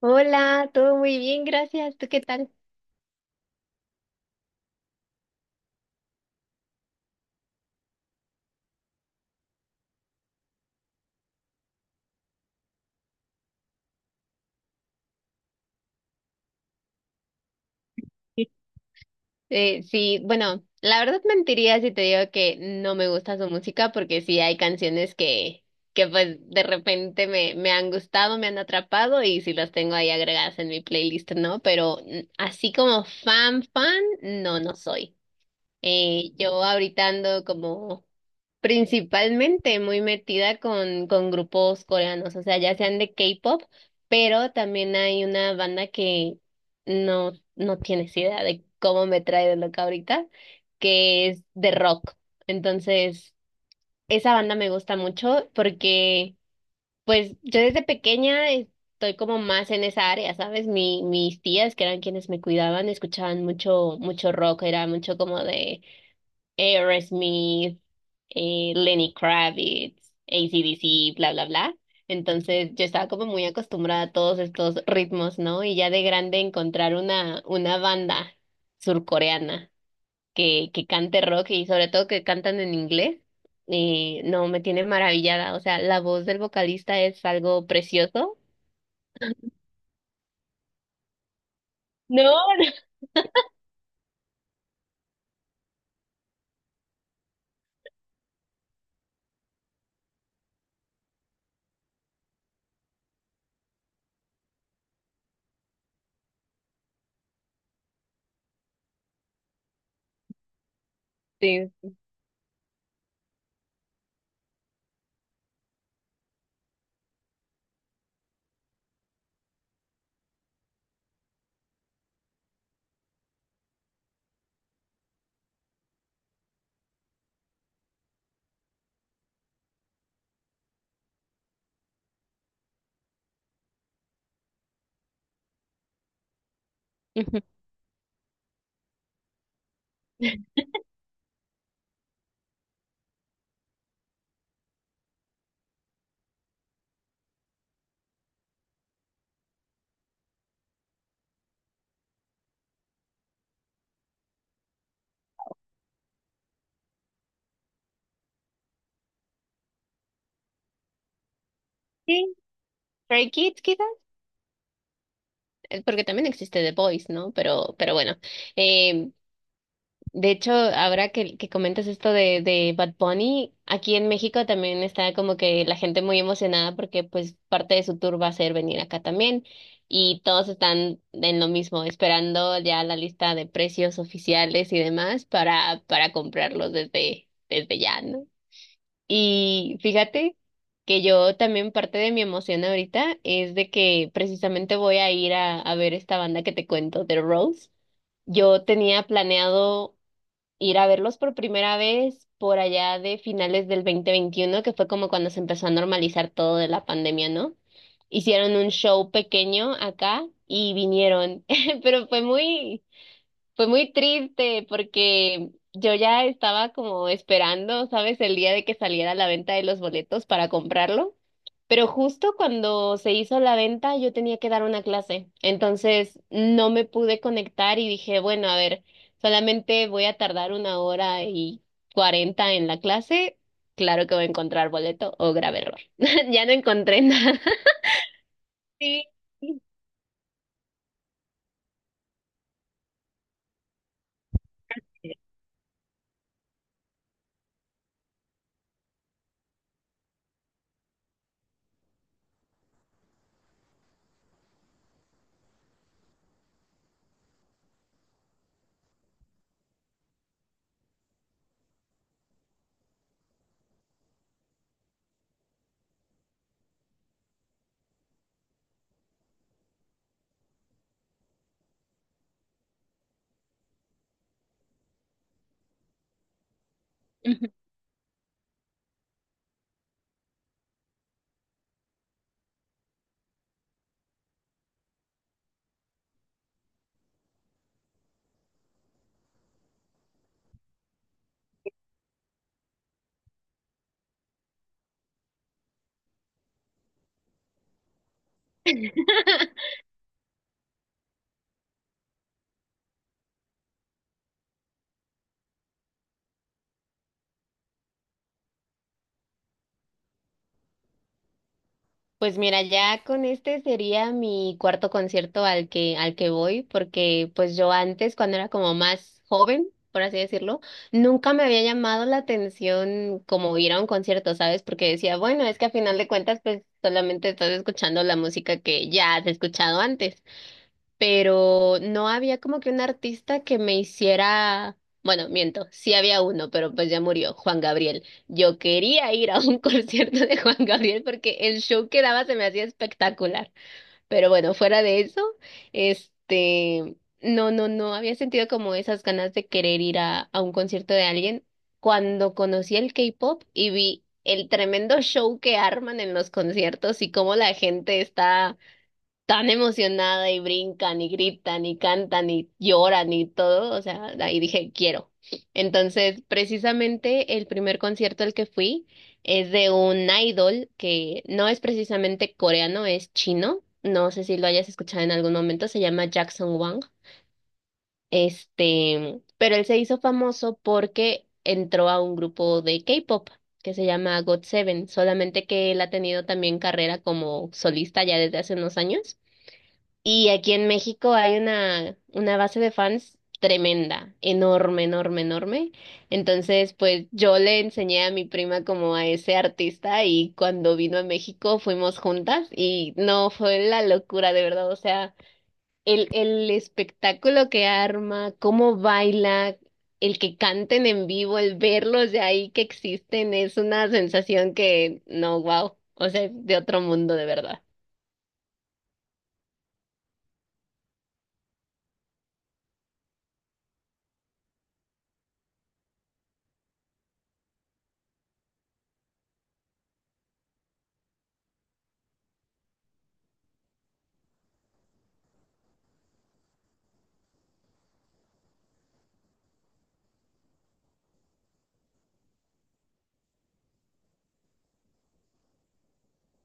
Hola, todo muy bien, gracias. ¿Tú qué tal? Sí, bueno, la verdad mentiría si te digo que no me gusta su música porque sí hay canciones que pues de repente me han gustado, me han atrapado y sí las tengo ahí agregadas en mi playlist, ¿no? Pero así como fan, fan, no, no soy. Yo ahorita ando como principalmente muy metida con grupos coreanos, o sea, ya sean de K-pop, pero también hay una banda que no, no tienes idea de cómo me trae de loca ahorita, que es de rock. Entonces, esa banda me gusta mucho porque, pues, yo desde pequeña estoy como más en esa área, ¿sabes? Mis tías, que eran quienes me cuidaban, escuchaban mucho, mucho rock, era mucho como de Aerosmith, Lenny Kravitz, AC/DC, bla, bla, bla. Entonces yo estaba como muy acostumbrada a todos estos ritmos, ¿no? Y ya de grande encontrar una banda surcoreana que cante rock y sobre todo que cantan en inglés. No, me tiene maravillada. O sea, la voz del vocalista es algo precioso. No, no. Sí. Ujú. Sí, Stray Kids quizás, porque también existe The Voice, ¿no? Pero bueno. De hecho, ahora que comentas esto de Bad Bunny, aquí en México también está como que la gente muy emocionada porque pues parte de su tour va a ser venir acá también y todos están en lo mismo, esperando ya la lista de precios oficiales y demás para comprarlos desde, desde ya, ¿no? Y fíjate que yo también parte de mi emoción ahorita es de que precisamente voy a ir a ver esta banda que te cuento, The Rose. Yo tenía planeado ir a verlos por primera vez por allá de finales del 2021 que fue como cuando se empezó a normalizar todo de la pandemia, ¿no? Hicieron un show pequeño acá y vinieron, pero fue muy triste porque yo ya estaba como esperando, ¿sabes? El día de que saliera la venta de los boletos para comprarlo. Pero justo cuando se hizo la venta, yo tenía que dar una clase. Entonces no me pude conectar y dije, bueno, a ver, solamente voy a tardar una hora y cuarenta en la clase. Claro que voy a encontrar boleto o grave error. Ya no encontré nada. Sí. Pues mira, ya con este sería mi cuarto concierto al que voy, porque pues yo antes, cuando era como más joven, por así decirlo, nunca me había llamado la atención como ir a un concierto, ¿sabes? Porque decía, bueno, es que a final de cuentas, pues solamente estás escuchando la música que ya has escuchado antes, pero no había como que un artista que me hiciera, bueno, miento, sí había uno, pero pues ya murió, Juan Gabriel. Yo quería ir a un concierto de Juan Gabriel porque el show que daba se me hacía espectacular, pero bueno, fuera de eso, este, no, no, no había sentido como esas ganas de querer ir a un concierto de alguien cuando conocí el K-pop y vi el tremendo show que arman en los conciertos y cómo la gente está tan emocionada y brincan y gritan y cantan y lloran y todo, o sea, ahí dije, quiero. Entonces, precisamente el primer concierto al que fui es de un idol que no es precisamente coreano, es chino. No sé si lo hayas escuchado en algún momento, se llama Jackson Wang. Pero él se hizo famoso porque entró a un grupo de K-pop que se llama GOT7, solamente que él ha tenido también carrera como solista ya desde hace unos años. Y aquí en México hay una base de fans tremenda, enorme, enorme, enorme. Entonces, pues yo le enseñé a mi prima como a ese artista y cuando vino a México fuimos juntas y no, fue la locura, de verdad. O sea, el espectáculo que arma, cómo baila, el que canten en vivo, el verlos de ahí que existen, es una sensación que, no, wow, o sea, es de otro mundo, de verdad.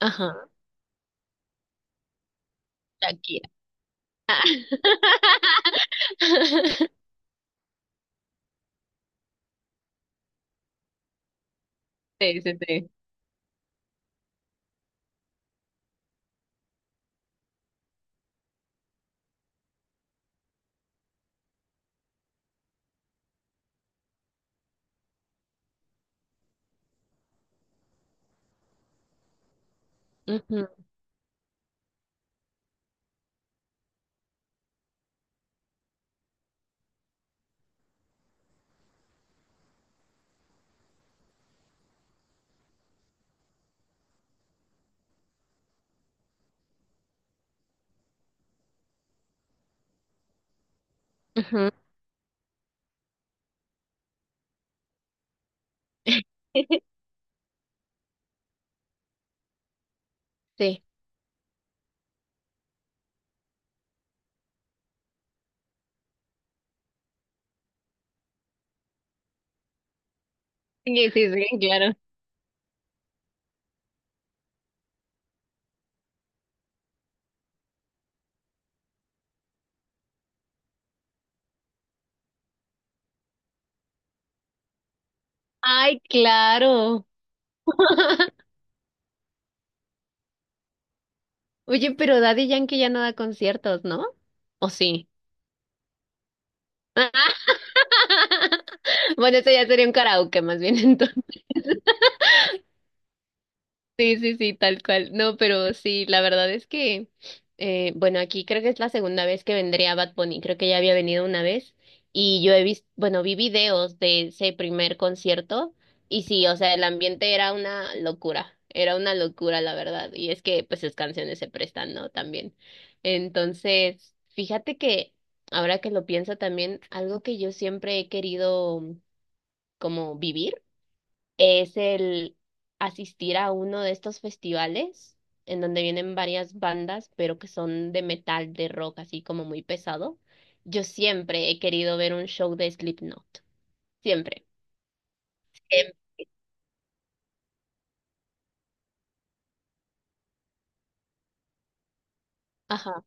Ajá, Shakira. Sí, sí, sí. Ujú, ujú. Sí. Sí, sí, sí, claro. Ay, claro. Oye, pero Daddy Yankee ya no da conciertos, ¿no? ¿O sí? Bueno, eso ya sería un karaoke más bien. Sí, sí, sí, tal cual. No, pero sí, la verdad es que, bueno, aquí creo que es la segunda vez que vendría Bad Bunny, creo que ya había venido una vez y yo he visto, bueno, vi videos de ese primer concierto y sí, o sea, el ambiente era una locura, la verdad. Y es que, pues, sus canciones se prestan, ¿no? También. Entonces, fíjate que, ahora que lo pienso también, algo que yo siempre he querido como vivir es el asistir a uno de estos festivales en donde vienen varias bandas, pero que son de metal, de rock, así como muy pesado. Yo siempre he querido ver un show de Slipknot, siempre. Em, ajá,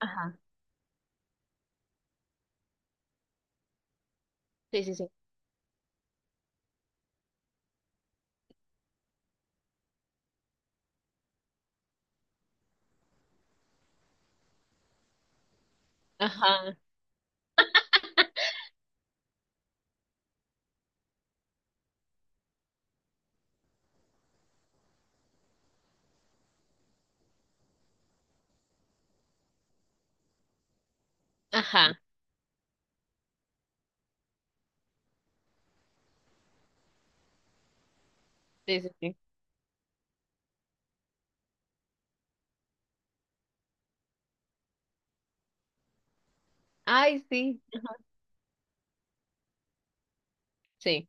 ajá, sí, sí, sí. Ajá, ajá, sí, sí, sí. Ay, sí, sí.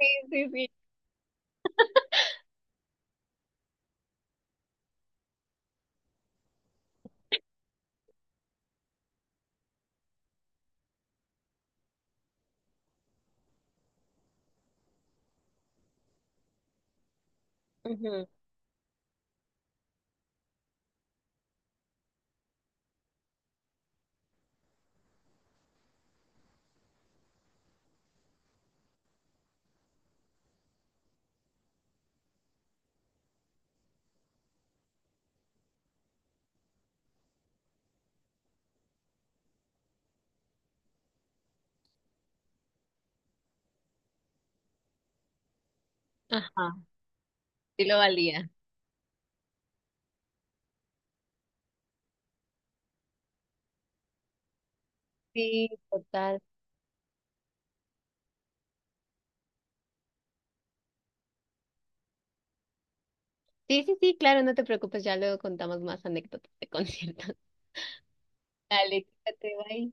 Sí, sí. Ujú. Ajá, sí lo valía. Sí, total. Sí, sí, sí, claro, no te preocupes, ya luego contamos más anécdotas de conciertos. Dale, quédate, bye.